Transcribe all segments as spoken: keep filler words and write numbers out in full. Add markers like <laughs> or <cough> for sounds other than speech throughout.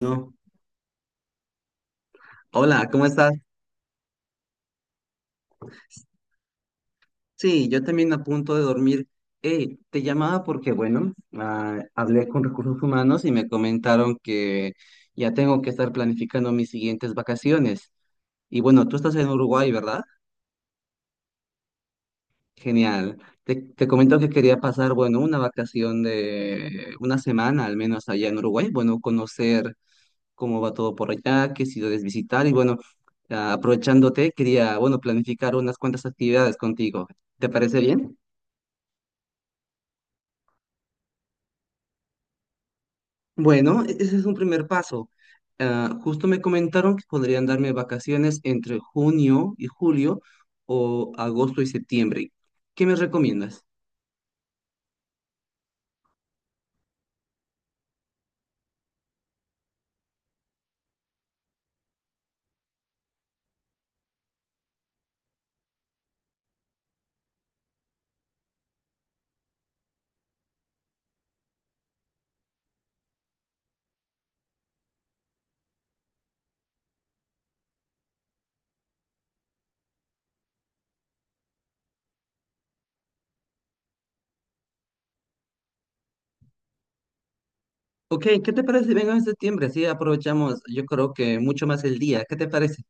No. Hola, ¿cómo estás? Sí, yo también a punto de dormir. Eh, te llamaba porque, bueno, ah, hablé con recursos humanos y me comentaron que ya tengo que estar planificando mis siguientes vacaciones. Y bueno, tú estás en Uruguay, ¿verdad? Genial. Te, te comento que quería pasar, bueno, una vacación de una semana al menos allá en Uruguay. Bueno, conocer cómo va todo por allá, qué ciudades visitar y, bueno, ah, aprovechándote, quería, bueno, planificar unas cuantas actividades contigo. ¿Te parece bien? Bueno, e- ese es un primer paso. Ah, justo me comentaron que podrían darme vacaciones entre junio y julio o agosto y septiembre. ¿Qué me recomiendas? Ok, ¿qué te parece si vengo en septiembre? Así aprovechamos, yo creo que mucho más el día. ¿Qué te parece?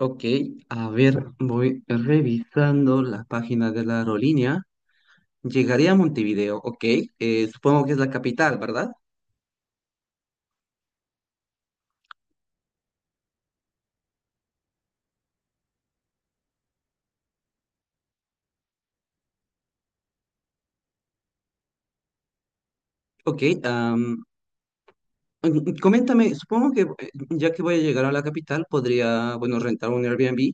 Ok, a ver, voy revisando la página de la aerolínea. Llegaré a Montevideo, ok. Eh, supongo que es la capital, ¿verdad? Ok. Mm, coméntame, supongo que eh, ya que voy a llegar a la capital, podría, bueno, rentar un Airbnb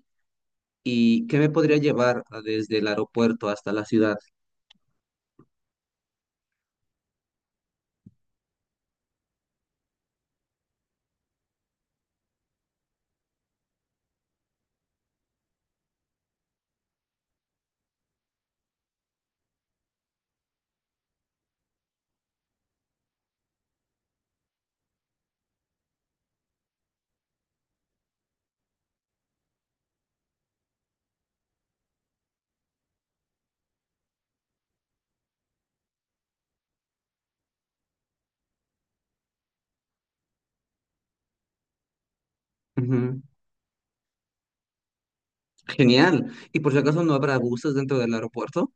y qué me podría llevar ah, desde el aeropuerto hasta la ciudad. Ujú. Genial. Y por si acaso no habrá buses dentro del aeropuerto.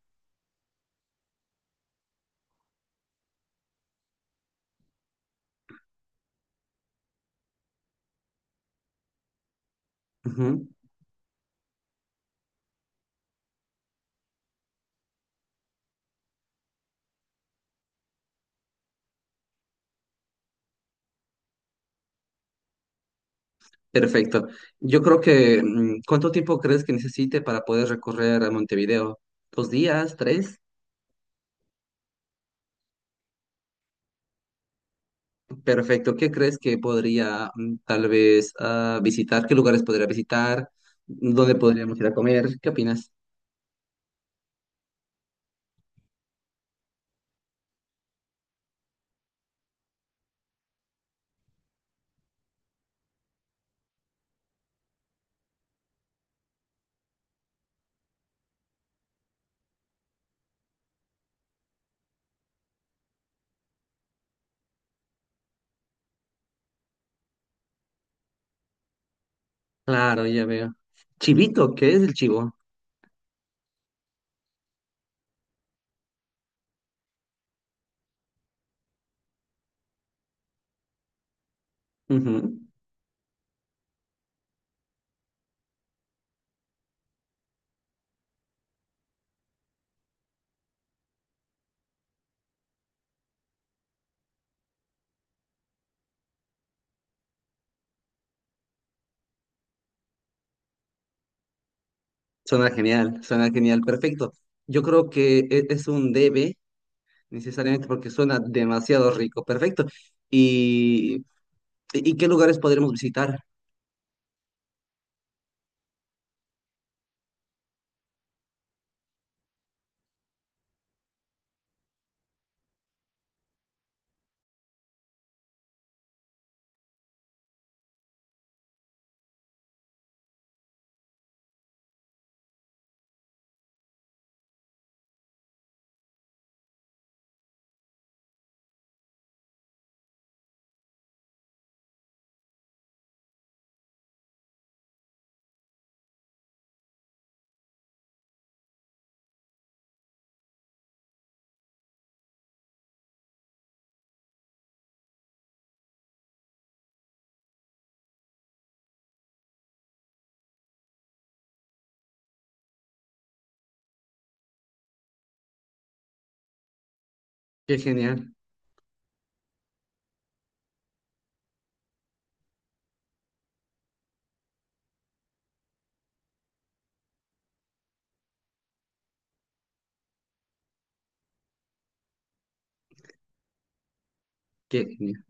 Ujú. Perfecto. Yo creo que, mm, ¿cuánto tiempo crees que necesite para poder recorrer a Montevideo? ¿Dos días? ¿Tres? Perfecto. ¿Qué crees que podría mm, tal vez ah, visitar? ¿Qué lugares podría visitar? ¿Dónde podríamos ir a comer? ¿Qué opinas? Claro, ya veo. Chivito, ¿qué es el chivo? Ujú. Suena genial, suena genial, perfecto. Yo creo que e- es un debe, necesariamente, porque suena demasiado rico, perfecto. ¿Y, y qué lugares podremos visitar? Qué genial, qué genial.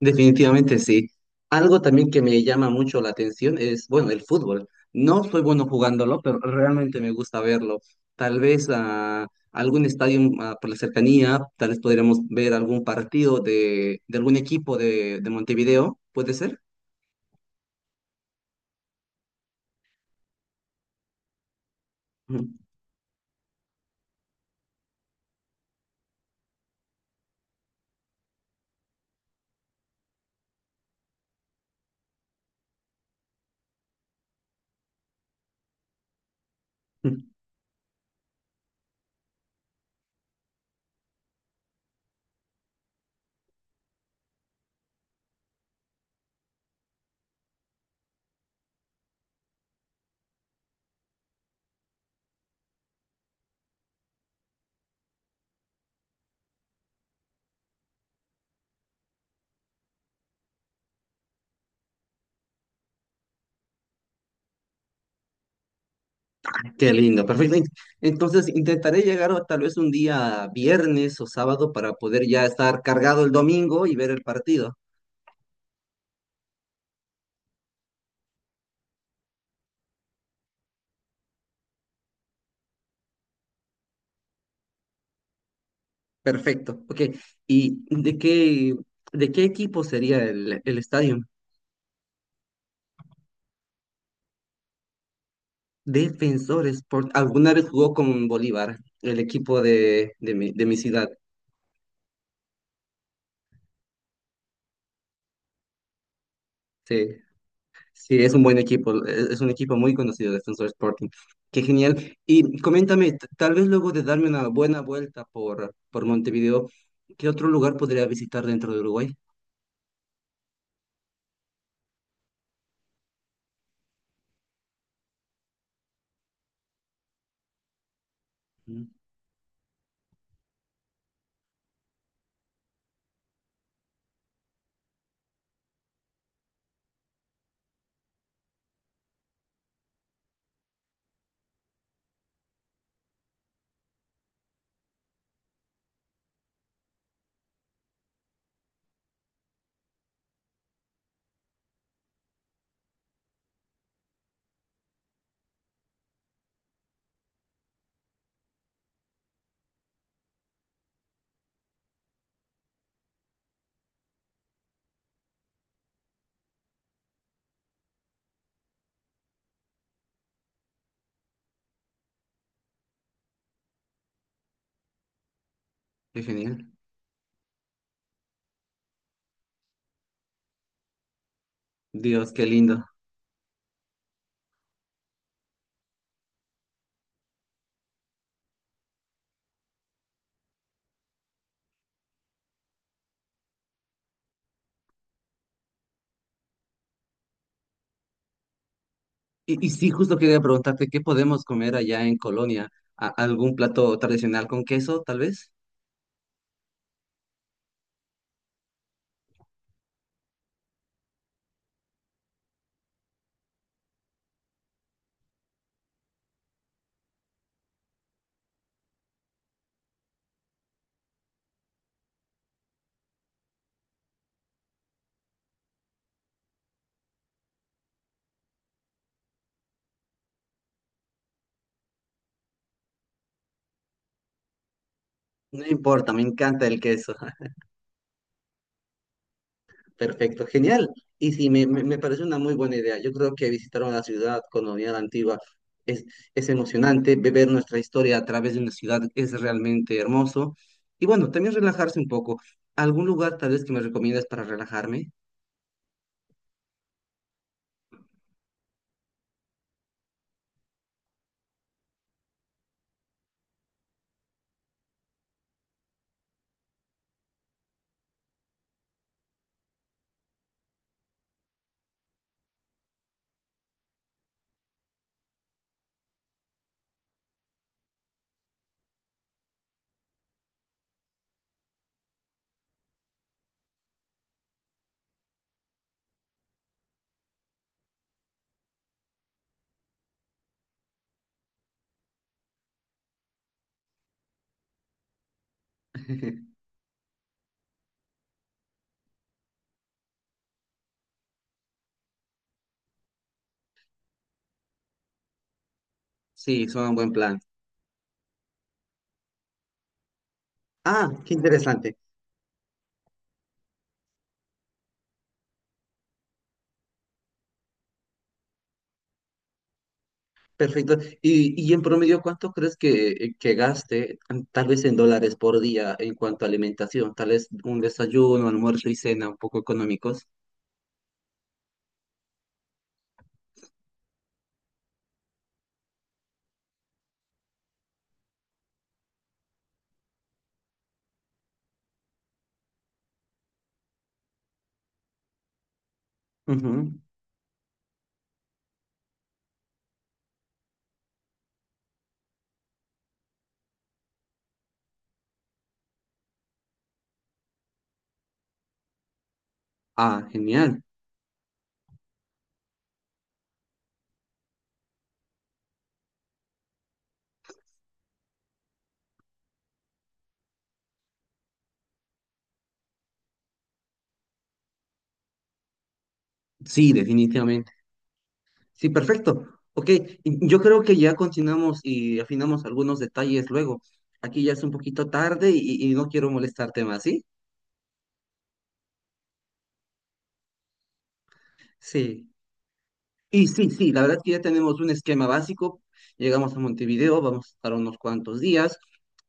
Definitivamente sí. Algo también que me llama mucho la atención es, bueno, el fútbol. No soy bueno jugándolo, pero realmente me gusta verlo. Tal vez a algún estadio ah, por la cercanía, tal vez podríamos ver algún partido de, de algún equipo de, de Montevideo, ¿puede ser? <laughs> Ujú. Qué lindo, perfecto. Ent- Entonces intentaré llegar o tal vez un día viernes o sábado para poder ya estar cargado el domingo y ver el partido. Perfecto, ok. ¿Y de qué, de qué equipo sería el, el estadio? Defensor Sport. ¿Alguna vez jugó con Bolívar, el equipo de, de mi, de mi ciudad? Sí, sí, es un buen equipo, es es un equipo muy conocido, Defensor Sporting. Qué genial. Y coméntame, t- tal vez luego de darme una buena vuelta por, por Montevideo, ¿qué otro lugar podría visitar dentro de Uruguay? Mm. Qué genial. Dios, qué lindo. Y, y sí, justo quería preguntarte, ¿qué podemos comer allá en Colonia? ¿A- ¿Algún plato tradicional con queso, tal vez? No importa, me encanta el queso. <laughs> Perfecto, genial. Y sí, me, me, me parece una muy buena idea. Yo creo que visitar una ciudad colonial antigua es, es emocionante. Beber nuestra historia a través de una ciudad es realmente hermoso. Y bueno, también relajarse un poco. ¿Algún lugar tal vez que me recomiendas para relajarme? <laughs> Sí, suena un buen plan. Ah, qué interesante. Perfecto. Y, y en promedio, ¿cuánto crees que, que gaste, mm, tal vez en dólares por día, en cuanto a alimentación? Tal vez un desayuno, almuerzo y cena un poco económicos. Ujú. Ah, genial. Sí, definitivamente. Sí, perfecto. Ok, y yo creo que ya continuamos y afinamos algunos detalles luego. Aquí ya es un poquito tarde y, y no quiero molestarte más, ¿sí? Sí. Y sí, sí, la verdad que ya tenemos un esquema básico. Llegamos a Montevideo, vamos a estar unos cuantos días,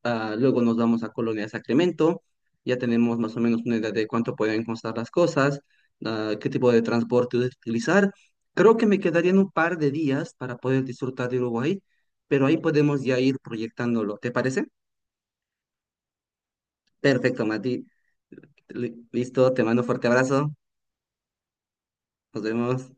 ah, luego nos vamos a Colonia de Sacramento, ya tenemos más o menos una idea de cuánto pueden costar las cosas, ah, qué tipo de transporte utilizar. Creo que me quedarían un par de días para poder disfrutar de Uruguay, pero ahí podemos ya ir proyectándolo. ¿Te parece? Perfecto, Mati. Li- Listo, te mando un fuerte abrazo. Nos vemos.